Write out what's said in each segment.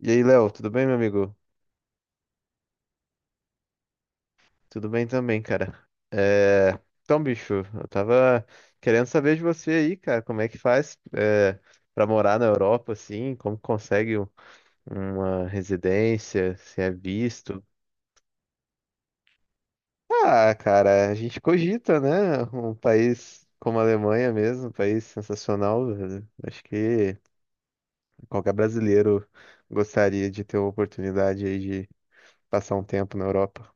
E aí, Léo, tudo bem, meu amigo? Tudo bem também, cara. É... Então, bicho, eu tava querendo saber de você aí, cara, como é que faz pra morar na Europa, assim, como consegue uma residência, se é visto. Ah, cara, a gente cogita, né? Um país como a Alemanha mesmo, um país sensacional, velho. Acho que qualquer brasileiro gostaria de ter a oportunidade aí de passar um tempo na Europa.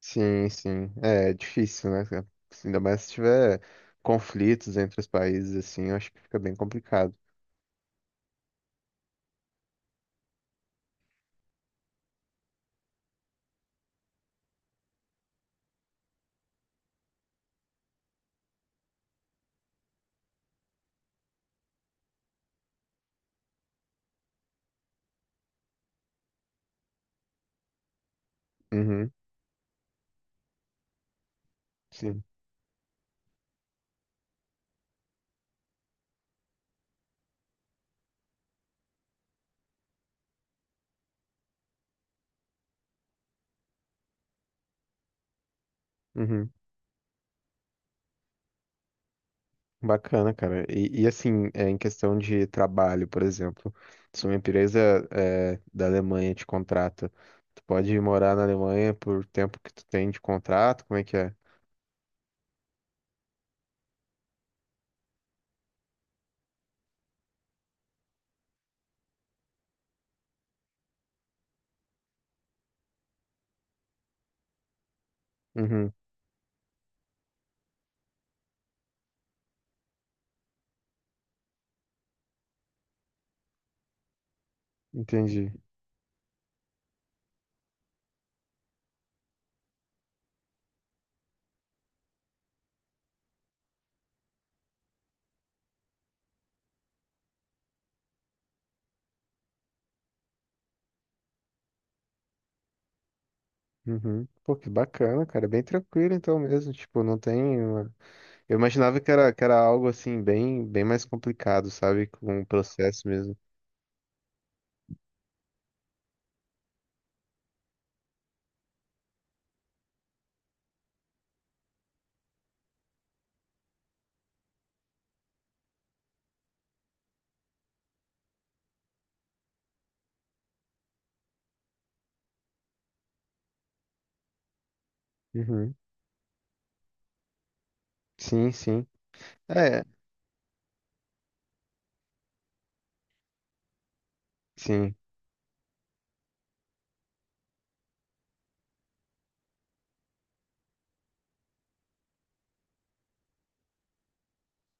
Sim, sim. É, é difícil, né, cara? Ainda mais se tiver conflitos entre os países, assim, eu acho que fica bem complicado. Uhum, sim. Uhum. Bacana, cara. Assim, é, em questão de trabalho, por exemplo, se uma empresa é, da Alemanha te contrata, tu pode morar na Alemanha por tempo que tu tem de contrato, como é que é? Uhum, entendi. Uhum. Pô, que bacana, cara. É bem tranquilo então mesmo. Tipo, não tem. Eu imaginava que era algo assim, bem, bem mais complicado, sabe? Com o processo mesmo. Uhum. Sim, sim. É, sim,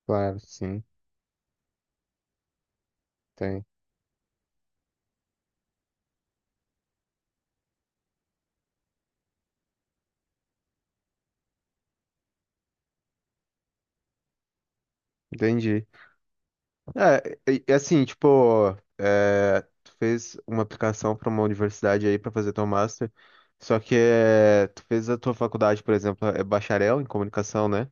claro, sim. Tem. Entendi. É, e assim, tipo, é, tu fez uma aplicação para uma universidade aí para fazer teu master, só que é, tu fez a tua faculdade, por exemplo, é bacharel em comunicação, né?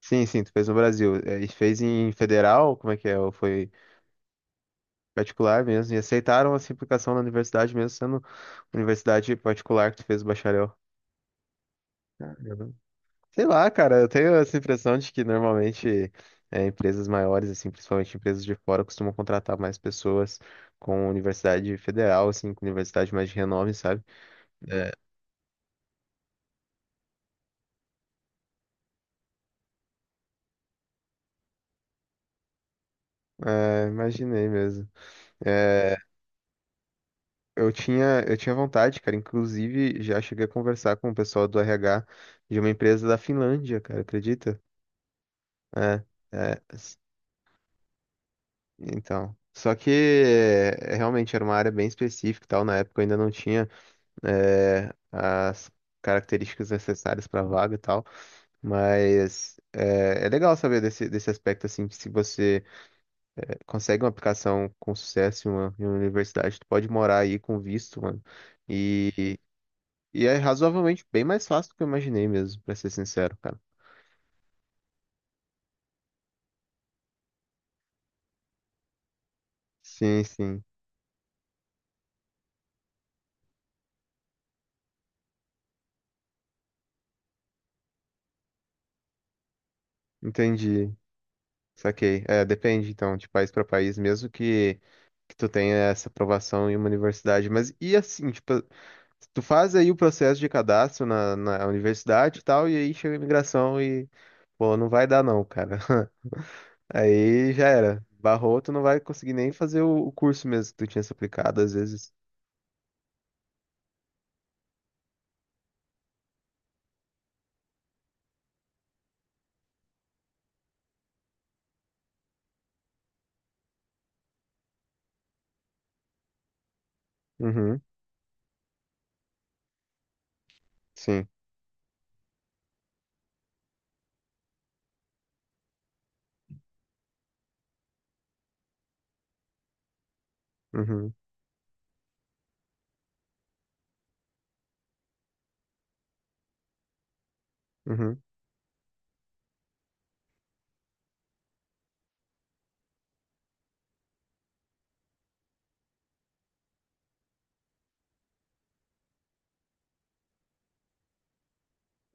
Sim, sim, tu fez no Brasil. É, e fez em federal, como é que é? Ou foi. Particular mesmo. E aceitaram essa implicação na universidade mesmo, sendo universidade particular que tu fez o bacharel. Caramba. Sei lá, cara, eu tenho essa impressão de que normalmente é, empresas maiores, assim, principalmente empresas de fora, costumam contratar mais pessoas com universidade federal, assim, com universidade mais de renome, sabe? É. É, imaginei mesmo. É, eu tinha vontade, cara. Inclusive, já cheguei a conversar com o pessoal do RH de uma empresa da Finlândia, cara, acredita? É, é. Então, só que é, realmente era uma área bem específica e tal, na época eu ainda não tinha é, as características necessárias para vaga e tal, mas é, é legal saber desse, desse aspecto, assim, que se você é, consegue uma aplicação com sucesso em uma universidade, tu pode morar aí com visto, mano, e, e é razoavelmente bem mais fácil do que eu imaginei mesmo, pra ser sincero, cara. Sim, sim, entendi, saquei. É, depende, então, de país para país, mesmo que tu tenha essa aprovação em uma universidade. Mas e assim, tipo, tu faz aí o processo de cadastro na, na universidade e tal, e aí chega a imigração e, pô, não vai dar não, cara. Aí já era. Barrou, tu não vai conseguir nem fazer o curso mesmo que tu tinha se aplicado, às vezes. Uhum, sim. Uhum, uhum,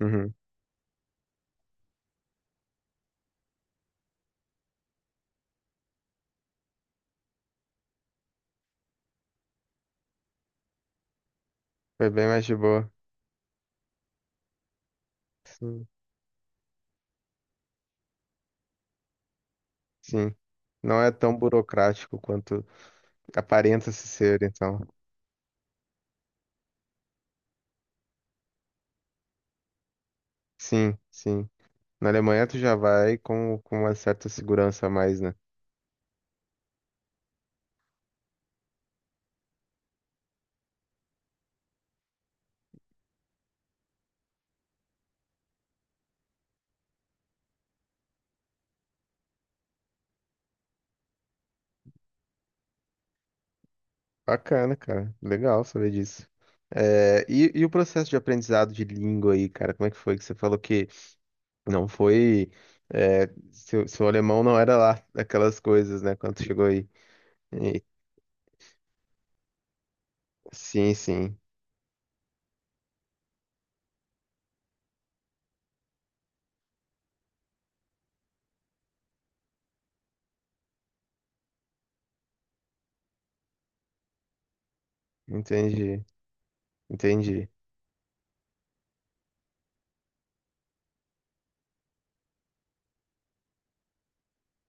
uhum. Foi bem mais de boa. Sim, sim. Não é tão burocrático quanto aparenta-se ser, então. Sim, sim. Na Alemanha tu já vai com uma certa segurança a mais, né? Bacana, cara. Legal saber disso. É, e o processo de aprendizado de língua aí, cara, como é que foi? Que você falou que não foi. É, seu, seu alemão não era lá aquelas coisas, né? Quando chegou aí. E- sim, sim. Entendi. Entendi.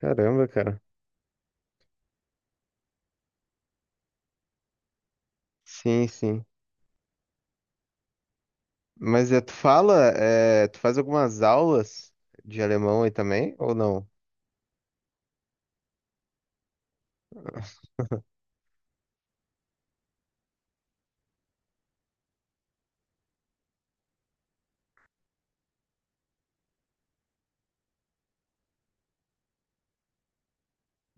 Caramba, cara. Sim, sim. Mas é, tu fala, é, tu faz algumas aulas de alemão aí também, ou não?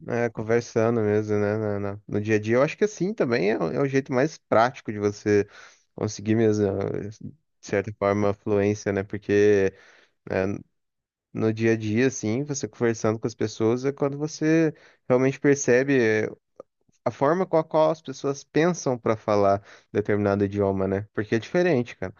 É, conversando mesmo, né? No dia a dia. Eu acho que assim também é, o é o jeito mais prático de você conseguir mesmo, eh, de certa forma, fluência, né? Porque né, no dia a dia, assim, você conversando com as pessoas é quando você realmente percebe eh, a forma com a qual as pessoas pensam para falar determinado idioma, né? Porque é diferente, cara.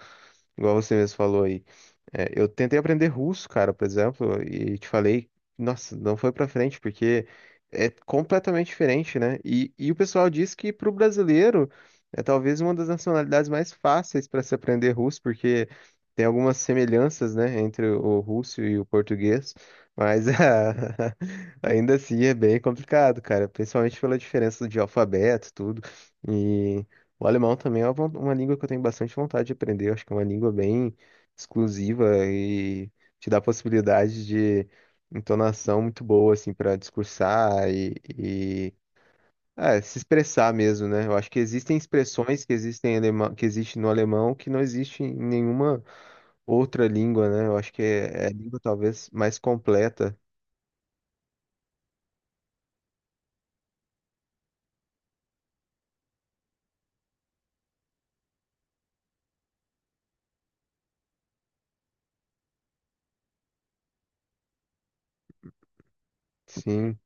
Igual você mesmo falou aí. É, eu tentei aprender russo, cara, por exemplo, e te falei, nossa, não foi pra frente, porque é completamente diferente, né? E o pessoal diz que pro brasileiro é talvez uma das nacionalidades mais fáceis para se aprender russo, porque tem algumas semelhanças, né, entre o russo e o português, mas ah, ainda assim é bem complicado, cara, principalmente pela diferença de alfabeto, tudo. E o alemão também é uma, uma língua que eu tenho bastante vontade de aprender, eu acho que é uma língua bem exclusiva e te dá possibilidade de entonação muito boa, assim, para discursar e, é, se expressar mesmo, né? Eu acho que existem expressões que existem em alemão, que existe no alemão que não existe em nenhuma outra língua, né? Eu acho que é, é a língua talvez mais completa, sim.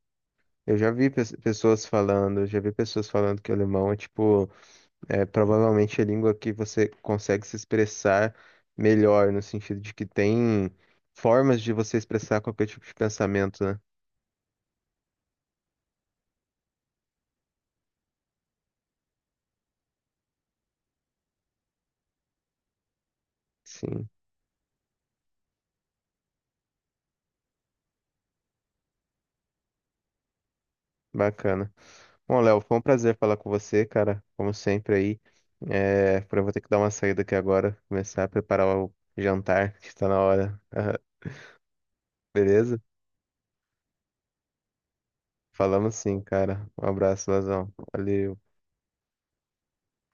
Eu já vi pessoas falando, eu já vi pessoas falando que o alemão é tipo. É provavelmente a língua que você consegue se expressar melhor, no sentido de que tem formas de você expressar qualquer tipo de pensamento, né? Sim, bacana. Bom, Léo, foi um prazer falar com você, cara, como sempre aí. É, eu vou ter que dar uma saída aqui agora, começar a preparar o jantar, que está na hora. Beleza? Falamos sim, cara. Um abraço, Lazão. Valeu.